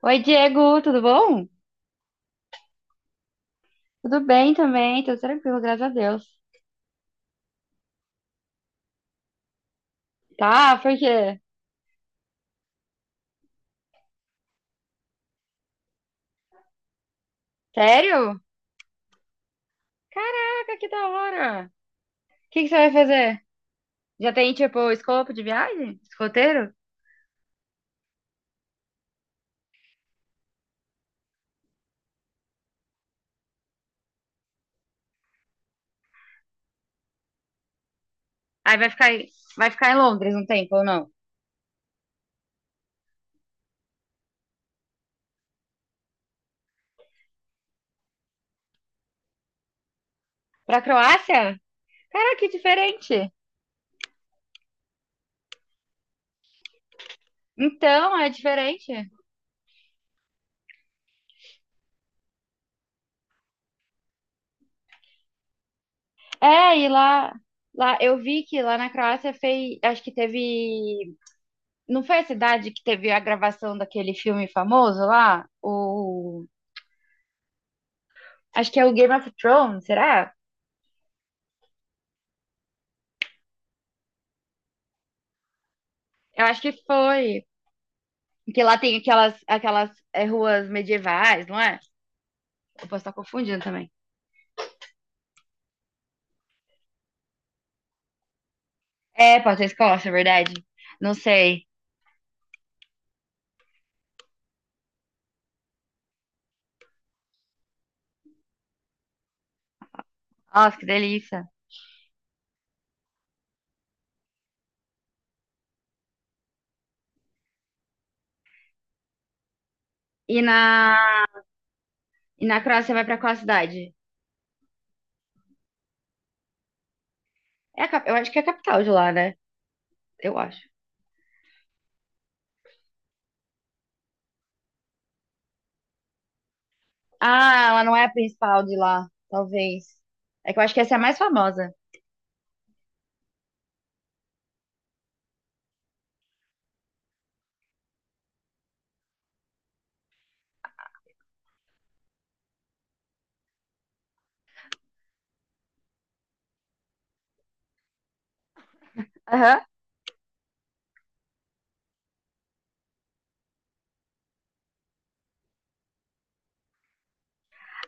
Oi, Diego, tudo bom? Tudo bem também, tudo tranquilo, graças a Deus. Tá, por quê? Sério? Caraca, que da hora! O que que você vai fazer? Já tem, tipo, o escopo de viagem? Esse roteiro? Aí vai ficar, aí- Vai ficar em Londres um tempo ou não? Pra Croácia? Caraca, que diferente! Então, é diferente. É, e lá, lá eu vi que lá na Croácia fez, acho que teve, não foi a cidade que teve a gravação daquele filme famoso lá? O acho que é o Game of Thrones, será? Eu acho que foi. Porque lá tem aquelas ruas medievais, não é? Eu posso estar confundindo também. É, pode ser Escócia, é verdade. Não sei. Nossa, que delícia. E na, e na Croácia vai pra qual cidade? É a cap- eu acho que é a capital de lá, né? Eu acho. Ah, ela não é a principal de lá, talvez. É que eu acho que essa é a mais famosa. Aham.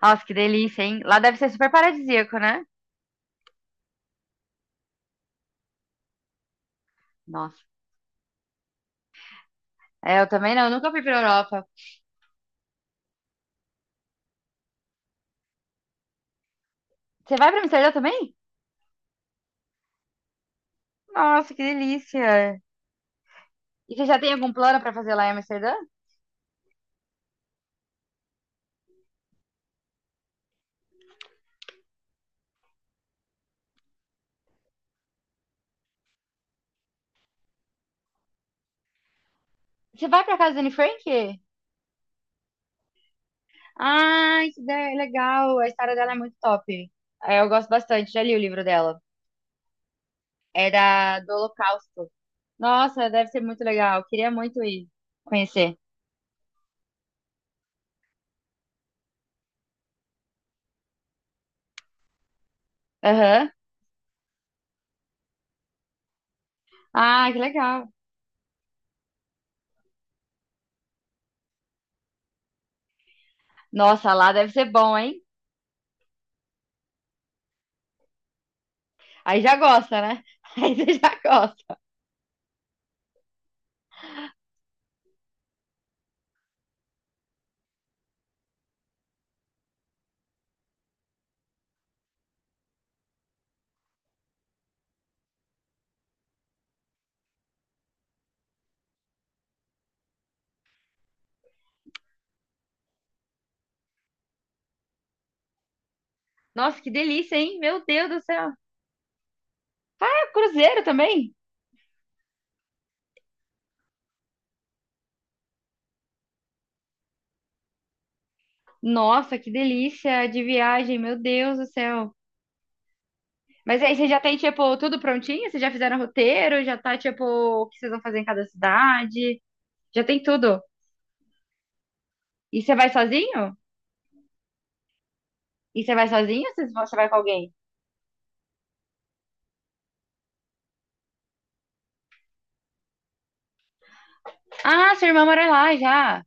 Nossa, que delícia, hein? Lá deve ser super paradisíaco, né? Nossa. É, eu também não, eu nunca fui pra Europa. Você vai pra Amsterdã também? Nossa, que delícia! E você já tem algum plano pra fazer lá em Amsterdã? Você vai pra casa da Anne Frank? Ai, que ideia legal! A história dela é muito top. É, eu gosto bastante, já li o livro dela. Do Holocausto. Nossa, deve ser muito legal. Queria muito ir conhecer. Aham. Ah, que legal. Nossa, lá deve ser bom, hein? Aí já gosta, né? Aí você já gosta. Nossa, que delícia, hein? Meu Deus do céu. É cruzeiro também? Nossa, que delícia de viagem, meu Deus do céu. Mas aí vocês já tem, tipo, tudo prontinho? Vocês já fizeram roteiro? Já tá, tipo, o que vocês vão fazer em cada cidade? Já tem tudo. E você vai sozinho? Você vai com alguém? Ah, sua irmã mora lá já.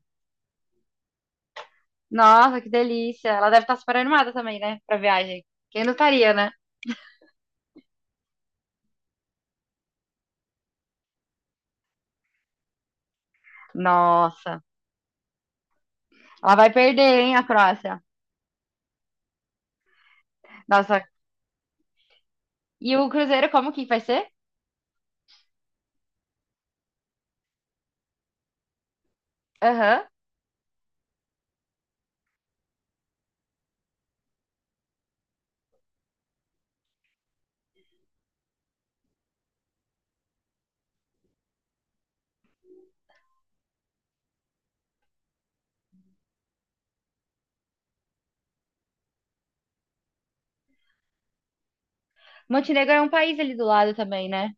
Nossa, que delícia. Ela deve estar super animada também, né? Pra viagem. Quem não estaria, né? Nossa. Ela vai perder, hein, a Croácia. Nossa. E o cruzeiro, como que vai ser? Aham. Montenegro é um país ali do lado também, né?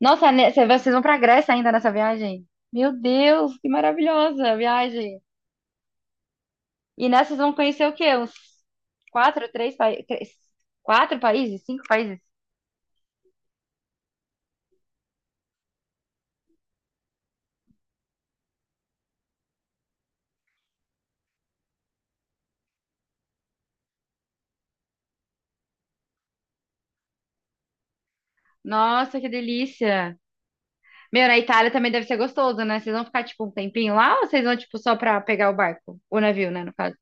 Vocês vão pra Grécia ainda nessa viagem? Meu Deus, que maravilhosa a viagem. E nessa vão conhecer o quê? Uns quatro, três, pa- três- quatro países? Cinco países? Nossa, que delícia. Meu, na Itália também deve ser gostoso, né? Vocês vão ficar, tipo, um tempinho lá ou vocês vão, tipo, só pra pegar o barco? O navio, né, no caso.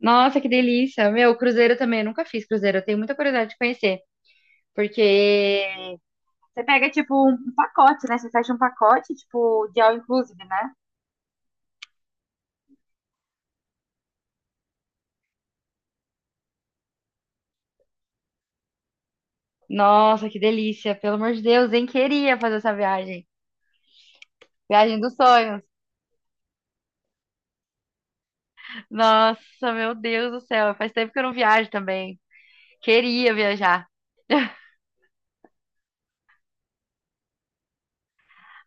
Nossa, que delícia. Meu, cruzeiro também. Eu nunca fiz cruzeiro. Eu tenho muita curiosidade de conhecer. Porque você pega, tipo, um pacote, né? Você fecha um pacote, tipo, de all inclusive, né? Nossa, que delícia. Pelo amor de Deus, hein? Queria fazer essa viagem. Viagem dos sonhos. Nossa, meu Deus do céu. Faz tempo que eu não viajo também. Queria viajar.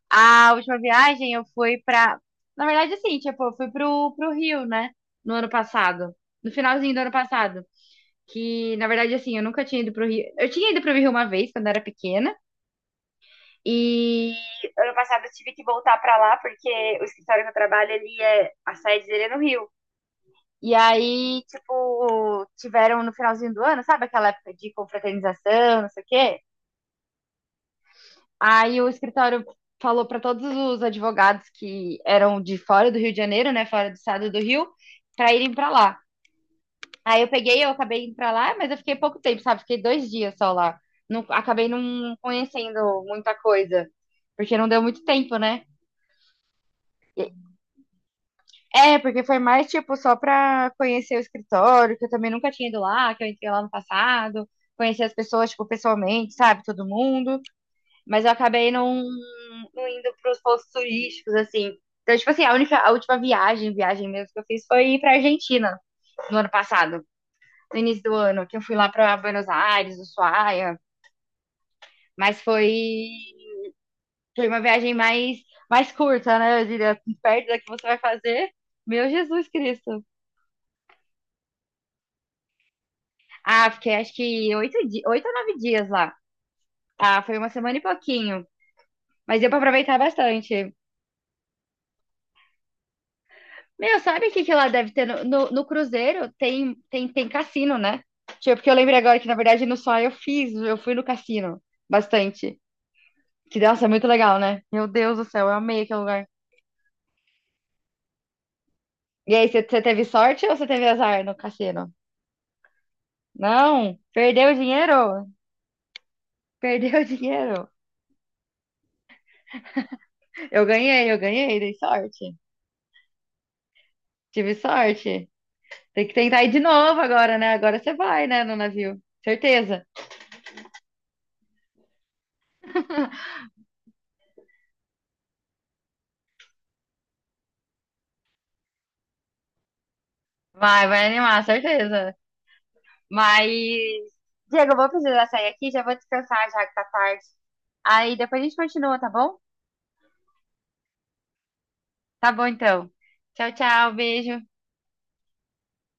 A última viagem eu fui pra. Na verdade, assim, tipo, eu fui pro Rio, né? No ano passado. No finalzinho do ano passado. Que, na verdade, assim, eu nunca tinha ido pro Rio. Eu tinha ido pro Rio uma vez, quando eu era pequena. E ano passado eu tive que voltar pra lá, porque o escritório que eu trabalho, ele é. A sede dele é no Rio. E aí, tipo, tiveram no finalzinho do ano, sabe aquela época de confraternização, não sei o quê? Aí o escritório falou para todos os advogados que eram de fora do Rio de Janeiro, né, fora do estado do Rio, para irem para lá. Eu acabei indo para lá, mas eu fiquei pouco tempo, sabe? Fiquei dois dias só lá. Não, acabei não conhecendo muita coisa, porque não deu muito tempo, né? É, porque foi mais, tipo, só pra conhecer o escritório, que eu também nunca tinha ido lá, que eu entrei lá no passado, conhecer as pessoas, tipo, pessoalmente, sabe, todo mundo. Mas eu acabei não, não indo pros pontos turísticos, assim. Então, tipo assim, a última viagem, viagem mesmo que eu fiz foi ir pra Argentina no ano passado, no início do ano, que eu fui lá pra Buenos Aires, Ushuaia, mas foi, foi uma viagem mais, mais curta, né? Eu diria, perto da que você vai fazer. Meu Jesus Cristo. Ah, fiquei acho que oito ou nove dias lá. Ah, foi uma semana e pouquinho. Mas deu pra aproveitar bastante. Meu, sabe o que que lá deve ter? No cruzeiro tem, tem cassino, né? Tipo, porque eu lembrei agora que, na verdade, no Sol eu fiz, eu fui no cassino bastante. Que, nossa, é muito legal, né? Meu Deus do céu, eu amei aquele lugar. E aí, você teve sorte ou você teve azar no cassino? Não, perdeu o dinheiro? Perdeu o dinheiro. Eu ganhei, dei sorte. Tive sorte. Tem que tentar ir de novo agora, né? Agora você vai, né, no navio. Certeza. Vai animar, certeza. Mas, Diego, eu vou precisar sair aqui, já vou descansar já que tá tarde. Aí depois a gente continua, tá bom? Tá bom, então. Tchau, tchau, beijo.